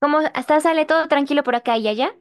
¿Cómo hasta sale todo tranquilo por acá y allá?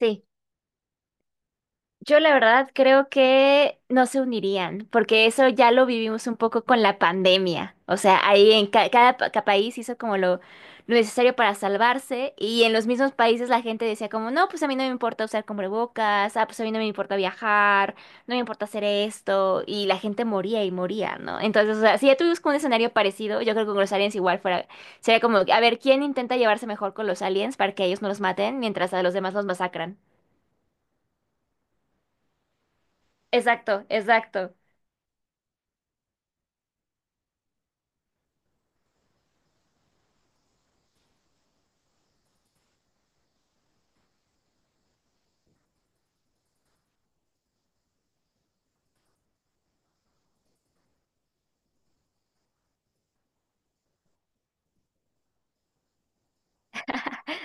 Sí. Yo la verdad creo que no se unirían, porque eso ya lo vivimos un poco con la pandemia. O sea, ahí en cada, país hizo como lo necesario para salvarse y en los mismos países la gente decía como, no, pues a mí no me importa usar cubrebocas, ah, pues a mí no me importa viajar, no me importa hacer esto y la gente moría y moría, ¿no? Entonces, o sea, si ya tuvimos como un escenario parecido, yo creo que con los aliens igual fuera, sería como, a ver, ¿quién intenta llevarse mejor con los aliens para que ellos no los maten mientras a los demás los masacran? Exacto, exacto.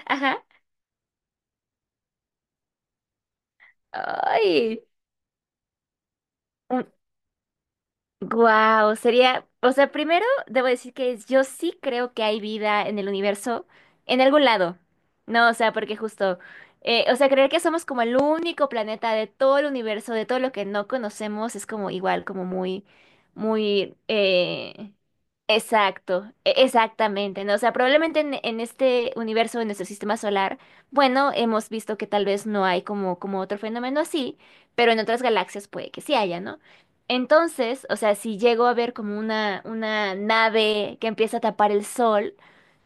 Ajá. Ay. Un- Wow, sería, o sea, primero debo decir que yo sí creo que hay vida en el universo, en algún lado. No, o sea, porque justo, o sea, creer que somos como el único planeta de todo el universo, de todo lo que no conocemos, es como igual, como muy, muy, exacto, exactamente, ¿no? O sea, probablemente en este universo, en nuestro sistema solar, bueno, hemos visto que tal vez no hay como otro fenómeno así, pero en otras galaxias puede que sí haya, ¿no? Entonces, o sea, si llego a ver como una nave que empieza a tapar el sol,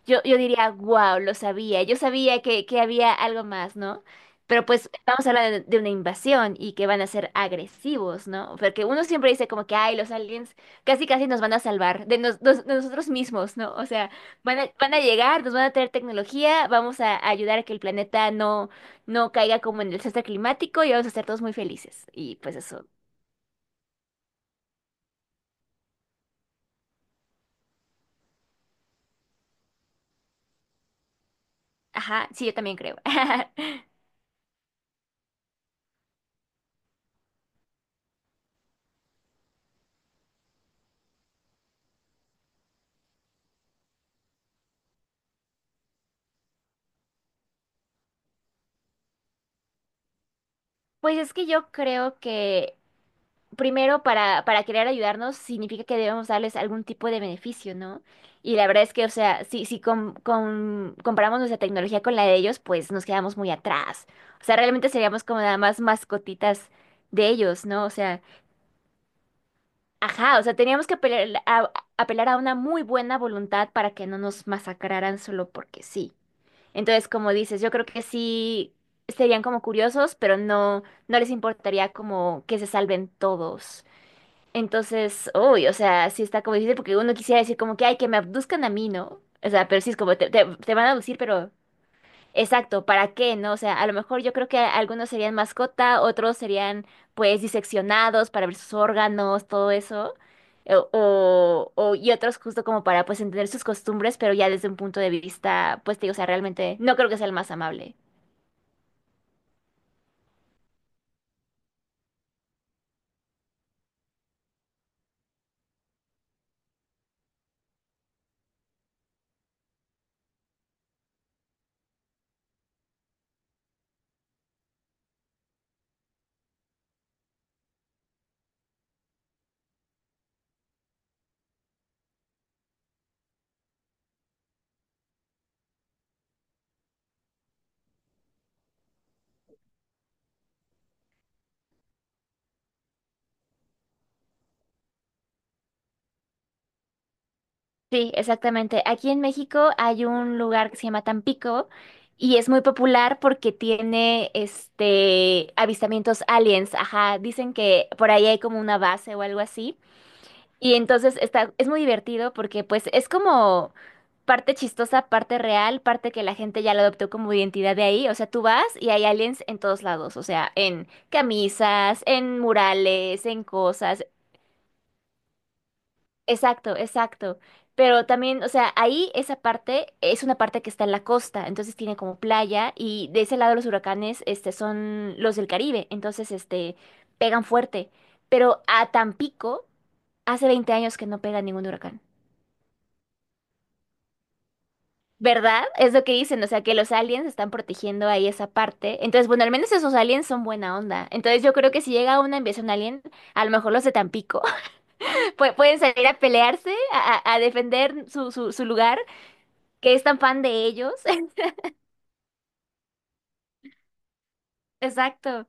yo diría, wow, lo sabía, yo sabía que había algo más, ¿no? Pero pues vamos a hablar de una invasión y que van a ser agresivos, ¿no? Porque uno siempre dice como que, ay, los aliens casi casi nos van a salvar de nosotros mismos, ¿no? O sea, van a llegar, nos van a traer tecnología, vamos a ayudar a que el planeta no, no caiga como en el desastre climático y vamos a ser todos muy felices. Y pues eso. Ajá, sí, yo también creo. Pues es que yo creo que primero para querer ayudarnos significa que debemos darles algún tipo de beneficio, ¿no? Y la verdad es que, o sea, si comparamos nuestra tecnología con la de ellos, pues nos quedamos muy atrás. O sea, realmente seríamos como nada más mascotitas de ellos, ¿no? O sea, ajá, o sea, teníamos que apelar a una muy buena voluntad para que no nos masacraran solo porque sí. Entonces, como dices, yo creo que sí serían como curiosos, pero no les importaría como que se salven todos. Entonces, uy, o sea, sí está como difícil porque uno quisiera decir como que, ay, que me abduzcan a mí, ¿no? O sea, pero sí es como, te van a abducir, pero exacto, ¿para qué, no? O sea, a lo mejor yo creo que algunos serían mascota, otros serían pues diseccionados para ver sus órganos, todo eso, y otros justo como para pues entender sus costumbres, pero ya desde un punto de vista, pues te digo, o sea, realmente no creo que sea el más amable. Sí, exactamente. Aquí en México hay un lugar que se llama Tampico y es muy popular porque tiene avistamientos aliens, ajá, dicen que por ahí hay como una base o algo así. Y entonces es muy divertido porque pues es como parte chistosa, parte real, parte que la gente ya lo adoptó como identidad de ahí. O sea, tú vas y hay aliens en todos lados, o sea, en camisas, en murales, en cosas. Exacto, exacto. Pero también, o sea, ahí esa parte es una parte que está en la costa, entonces tiene como playa y de ese lado los huracanes, son los del Caribe, entonces, pegan fuerte. Pero a Tampico hace 20 años que no pega ningún huracán. ¿Verdad? Es lo que dicen, o sea, que los aliens están protegiendo ahí esa parte. Entonces, bueno, al menos esos aliens son buena onda. Entonces, yo creo que si llega una invasión alien, a lo mejor los de Tampico pueden salir a pelearse, a defender su lugar, que es tan fan de ellos. Exacto.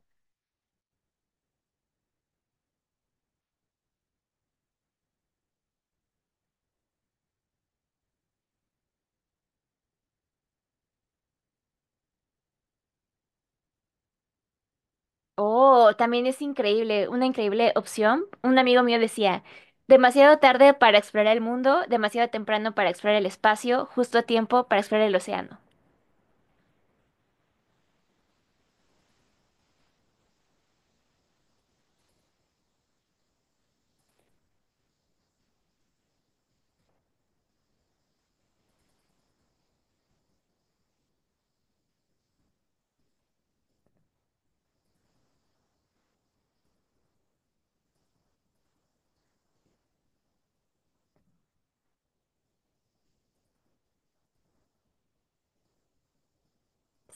Oh, también es increíble, una increíble opción. Un amigo mío decía, demasiado tarde para explorar el mundo, demasiado temprano para explorar el espacio, justo a tiempo para explorar el océano.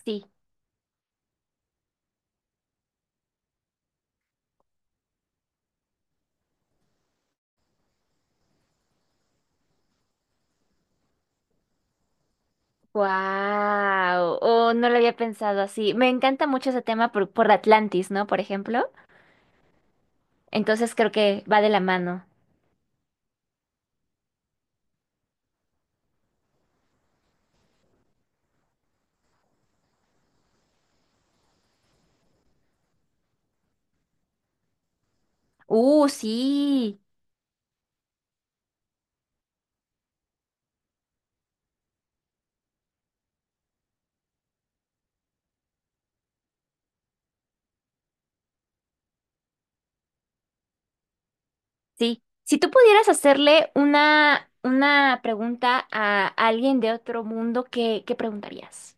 Sí. Wow, oh, no lo había pensado así. Me encanta mucho ese tema por Atlantis, ¿no? Por ejemplo. Entonces creo que va de la mano. Sí, sí. Si tú pudieras hacerle una pregunta a alguien de otro mundo, ¿qué preguntarías?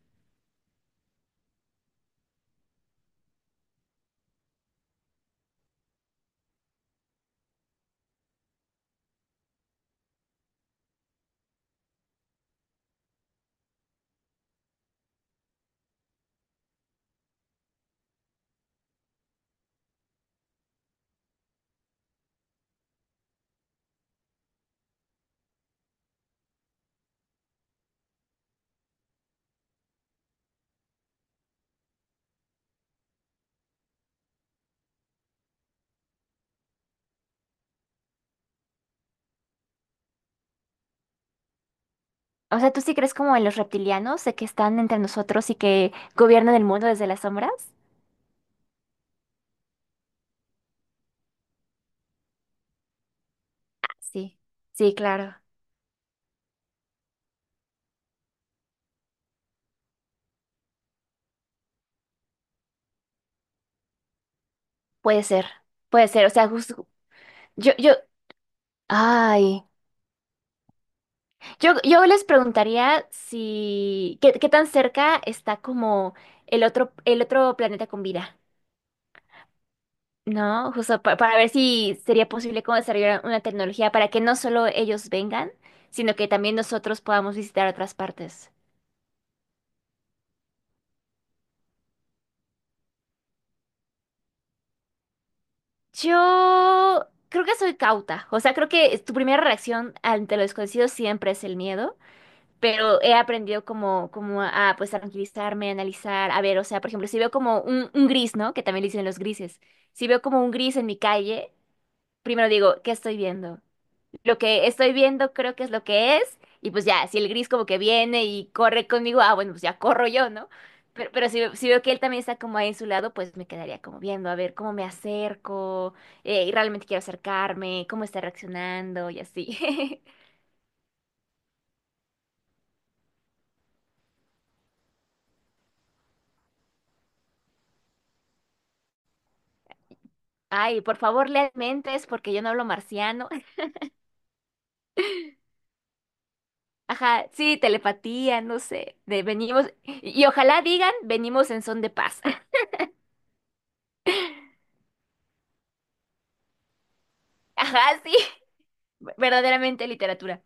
O sea, ¿tú sí crees como en los reptilianos, de que están entre nosotros y que gobiernan el mundo desde las sombras? Ah, sí, sí, claro. Puede ser, puede ser. O sea, justo, yo, ay. Yo les preguntaría si, ¿qué tan cerca está como el otro planeta con vida? ¿No? Justo para ver si sería posible como desarrollar una tecnología para que no solo ellos vengan, sino que también nosotros podamos visitar otras partes. Yo creo que soy cauta. O sea, creo que es tu primera reacción ante lo desconocido siempre es el miedo. Pero he aprendido como, a pues a tranquilizarme, a analizar, a ver, o sea, por ejemplo, si veo como un gris, ¿no? Que también le dicen los grises. Si veo como un gris en mi calle, primero digo, ¿qué estoy viendo? Lo que estoy viendo creo que es lo que es, y pues ya, si el gris como que viene y corre conmigo, ah, bueno, pues ya corro yo, ¿no? Pero si veo que él también está como ahí en su lado, pues me quedaría como viendo, a ver cómo me acerco, y realmente quiero acercarme, cómo está reaccionando y así. Ay, por favor, lean mentes porque yo no hablo marciano. Ajá, sí, telepatía, no sé, de venimos, y ojalá digan, venimos en son de paz. Ajá, sí, verdaderamente literatura.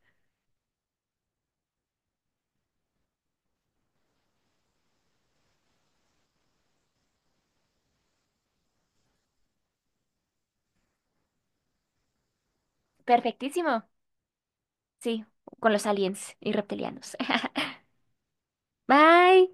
Perfectísimo, sí, con los aliens y reptilianos. Bye.